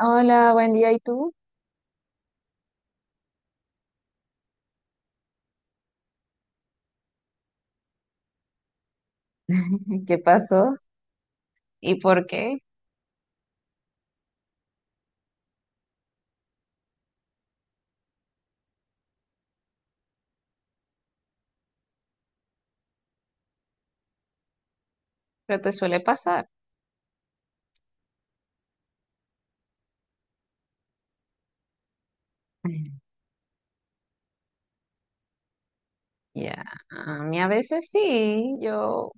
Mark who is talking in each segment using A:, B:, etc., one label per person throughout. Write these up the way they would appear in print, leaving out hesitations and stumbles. A: Hola, buen día. ¿Y tú? ¿Qué pasó? ¿Y por qué? Pero te suele pasar. Ya, a mí a veces sí, yo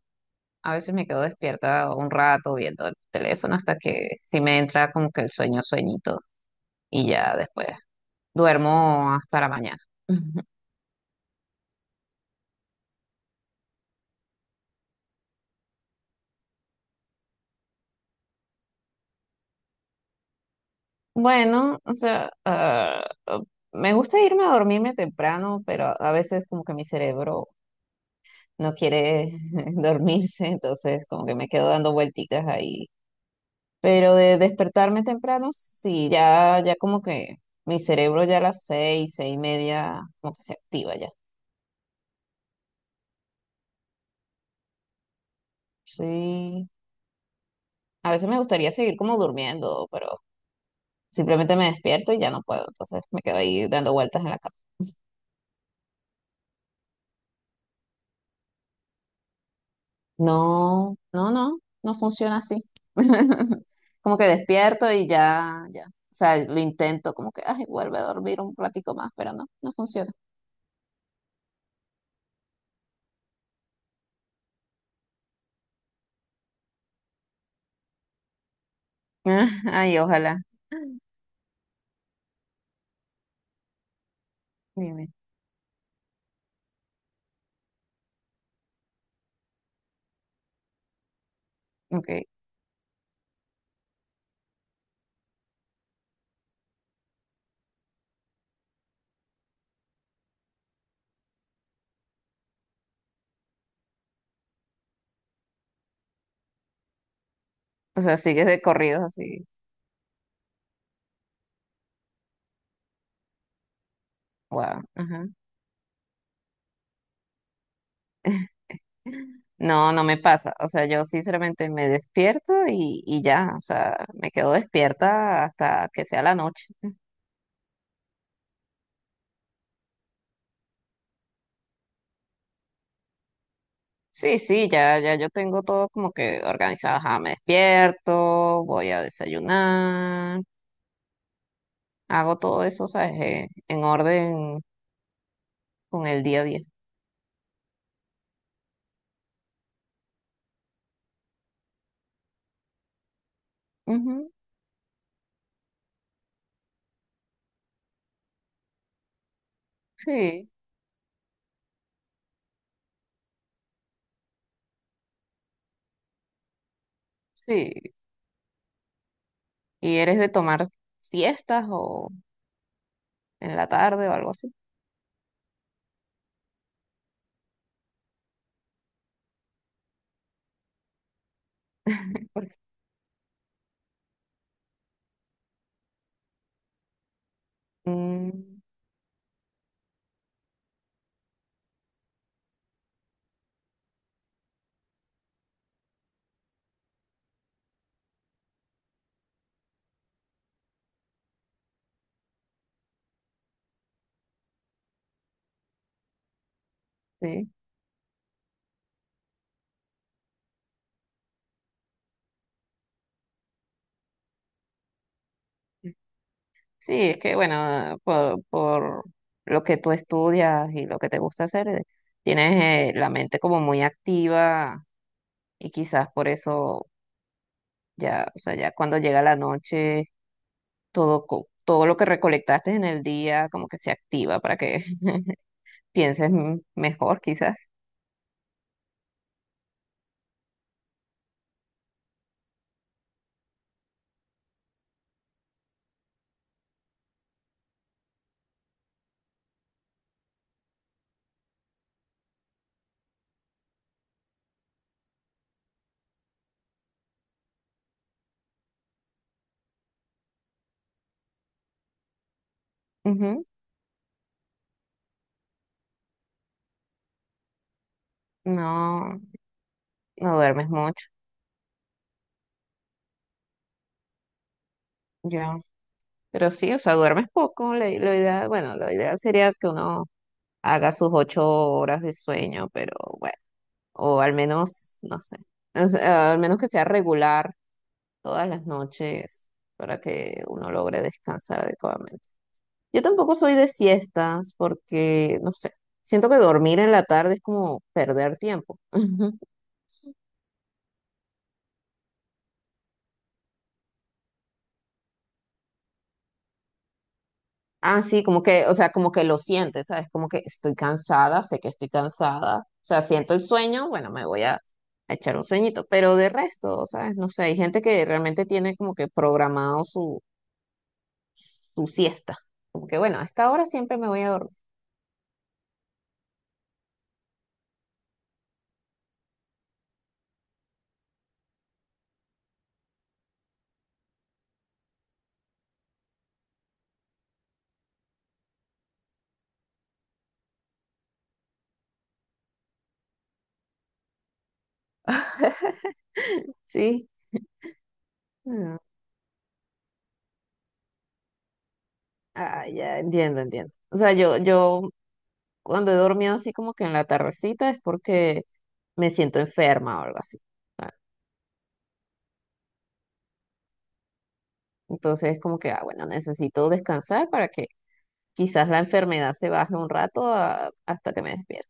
A: a veces me quedo despierta un rato viendo el teléfono hasta que sí me entra como que el sueño sueñito y ya después duermo hasta la mañana. Bueno, o sea, ah, oh, me gusta irme a dormirme temprano, pero a veces como que mi cerebro no quiere dormirse, entonces como que me quedo dando vuelticas ahí. Pero de despertarme temprano, sí, ya, ya como que mi cerebro ya a las 6, 6:30, como que se activa ya. Sí, a veces me gustaría seguir como durmiendo, pero simplemente me despierto y ya no puedo, entonces me quedo ahí dando vueltas en la cama. No, no, no, no funciona así. Como que despierto y ya, ya. O sea, lo intento como que, ay, vuelve a dormir un ratico más, pero no, no funciona. Ay, ojalá. Dime, ok. O sea, sigues de corridos así. Wow. Ajá. No, no me pasa. O sea, yo sinceramente me despierto y ya, o sea, me quedo despierta hasta que sea la noche. Sí, sí, ya, ya yo tengo todo como que organizado. Ajá, me despierto, voy a desayunar, hago todo eso, ¿sabes? En orden con el día a día. Ujú, sí, sí. ¿Y eres de tomar siestas o en la tarde o algo así? Porque- mm, sí. Sí, es que bueno, por lo que tú estudias y lo que te gusta hacer, tienes la mente como muy activa y quizás por eso ya, o sea, ya cuando llega la noche, todo lo que recolectaste en el día como que se activa para que pienses mejor quizás. Ujú. No, no duermes mucho, yo. Pero sí, o sea, duermes poco. La idea, bueno, lo ideal sería que uno haga sus 8 horas de sueño, pero bueno. O al menos, no sé, o sea, al menos que sea regular todas las noches para que uno logre descansar adecuadamente. Yo tampoco soy de siestas porque, no sé, siento que dormir en la tarde es como perder tiempo. Ah, sí, como que, o sea, como que lo sientes, ¿sabes? Como que estoy cansada, sé que estoy cansada, o sea, siento el sueño, bueno, me voy a echar un sueñito, pero de resto, ¿sabes? No sé, hay gente que realmente tiene como que programado su siesta. Como que, bueno, a esta hora siempre me voy a dormir, ¿sí? Mm. Ah, ya entiendo, entiendo. O sea, yo cuando he dormido así como que en la tardecita es porque me siento enferma o algo así. Ah. Entonces, como que, ah, bueno, necesito descansar para que quizás la enfermedad se baje un rato, a- hasta que me despierte.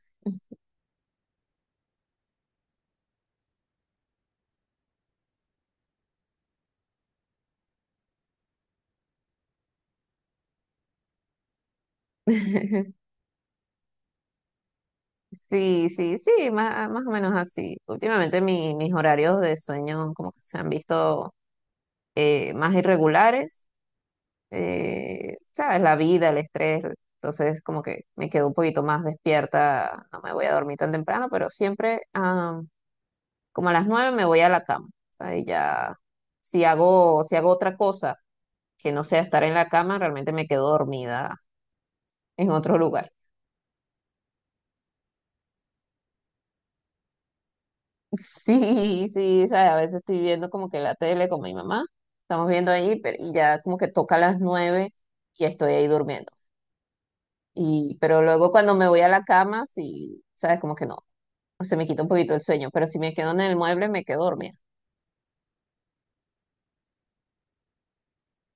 A: Sí, sí, sí, más, más o menos así. Últimamente mis horarios de sueño como que se han visto más irregulares, sabes, la vida, el estrés, entonces como que me quedo un poquito más despierta, no me voy a dormir tan temprano, pero siempre como a las 9 me voy a la cama, ahí ya, si hago otra cosa que no sea estar en la cama, realmente me quedo dormida en otro lugar. Sí, sí, sabes, a veces estoy viendo como que la tele con mi mamá, estamos viendo ahí, pero y ya como que toca las 9 y estoy ahí durmiendo. Y, pero luego cuando me voy a la cama, sí, sabes, como que no, se me quita un poquito el sueño, pero si me quedo en el mueble me quedo dormida.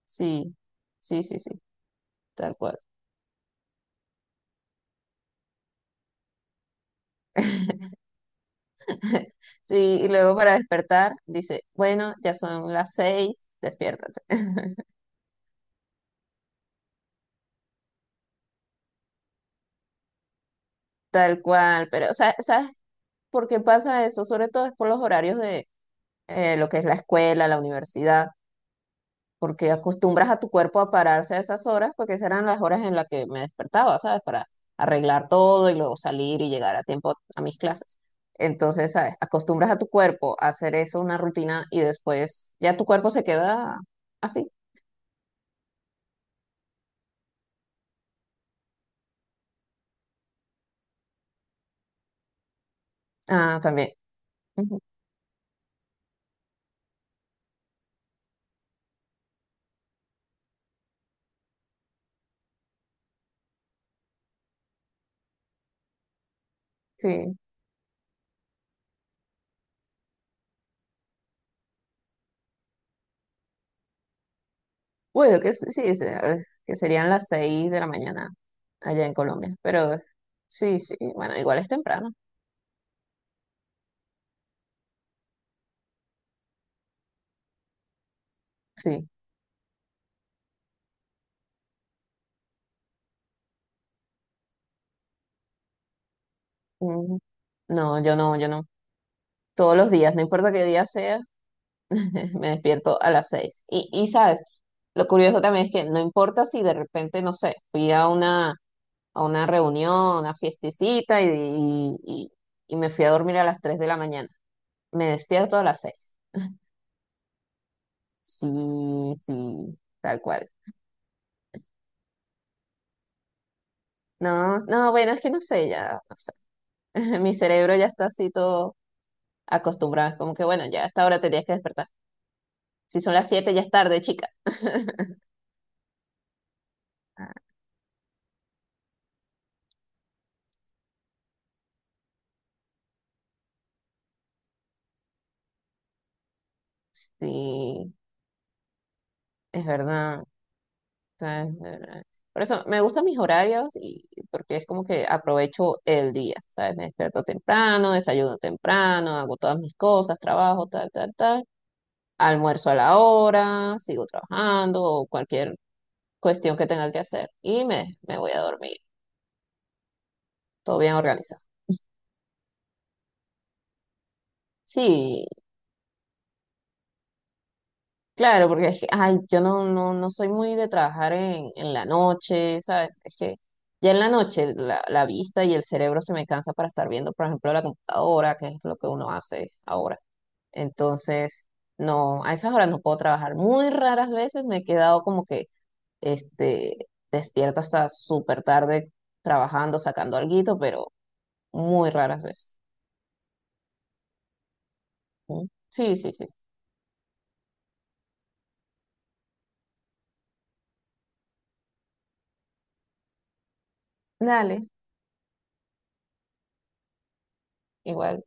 A: Sí, sí, sí, sí, tal cual. Sí, y luego para despertar dice, bueno, ya son las 6, despiértate. Tal cual, pero o sea, ¿sabes por qué pasa eso? Sobre todo es por los horarios de lo que es la escuela, la universidad. Porque acostumbras a tu cuerpo a pararse a esas horas, porque esas eran las horas en las que me despertaba, ¿sabes? Para arreglar todo y luego salir y llegar a tiempo a mis clases. Entonces, ¿sabes? Acostumbras a tu cuerpo a hacer eso, una rutina, y después ya tu cuerpo se queda así. Ah, también. Ujú, sí. Bueno, que sí, que serían las 6 de la mañana allá en Colombia, pero sí, sí, bueno, igual es temprano, sí. Ujú. No, yo no, yo no. Todos los días, no importa qué día sea, me despierto a las 6. Y sabes, lo curioso también es que no importa si de repente, no sé, fui a una, reunión, a una fiestecita y, y me fui a dormir a las 3 de la mañana. Me despierto a las 6. Sí, sí, tal cual. No, no, bueno, es que no sé, ya, no sé. Mi cerebro ya está así todo acostumbrado. Es como que bueno, ya a esta hora tenías que despertar. Si son las 7, ya es tarde, chica. Sí, es verdad. Sea, es, por eso me gustan mis horarios y porque es como que aprovecho el día, ¿sabes? Me despierto temprano, desayuno temprano, hago todas mis cosas, trabajo, tal, tal, tal, almuerzo a la hora, sigo trabajando o cualquier cuestión que tenga que hacer y me voy a dormir, todo bien organizado. Sí, claro, porque es que, ay, yo no, no, no soy muy de trabajar en la noche, ¿sabes? Es que ya en la noche la vista y el cerebro se me cansa para estar viendo, por ejemplo, la computadora, que es lo que uno hace ahora. Entonces, no, a esas horas no puedo trabajar. Muy raras veces me he quedado como que, este, despierta hasta súper tarde trabajando, sacando alguito, pero muy raras veces. ¿Mm? Sí, sí, sí. Dale, igual.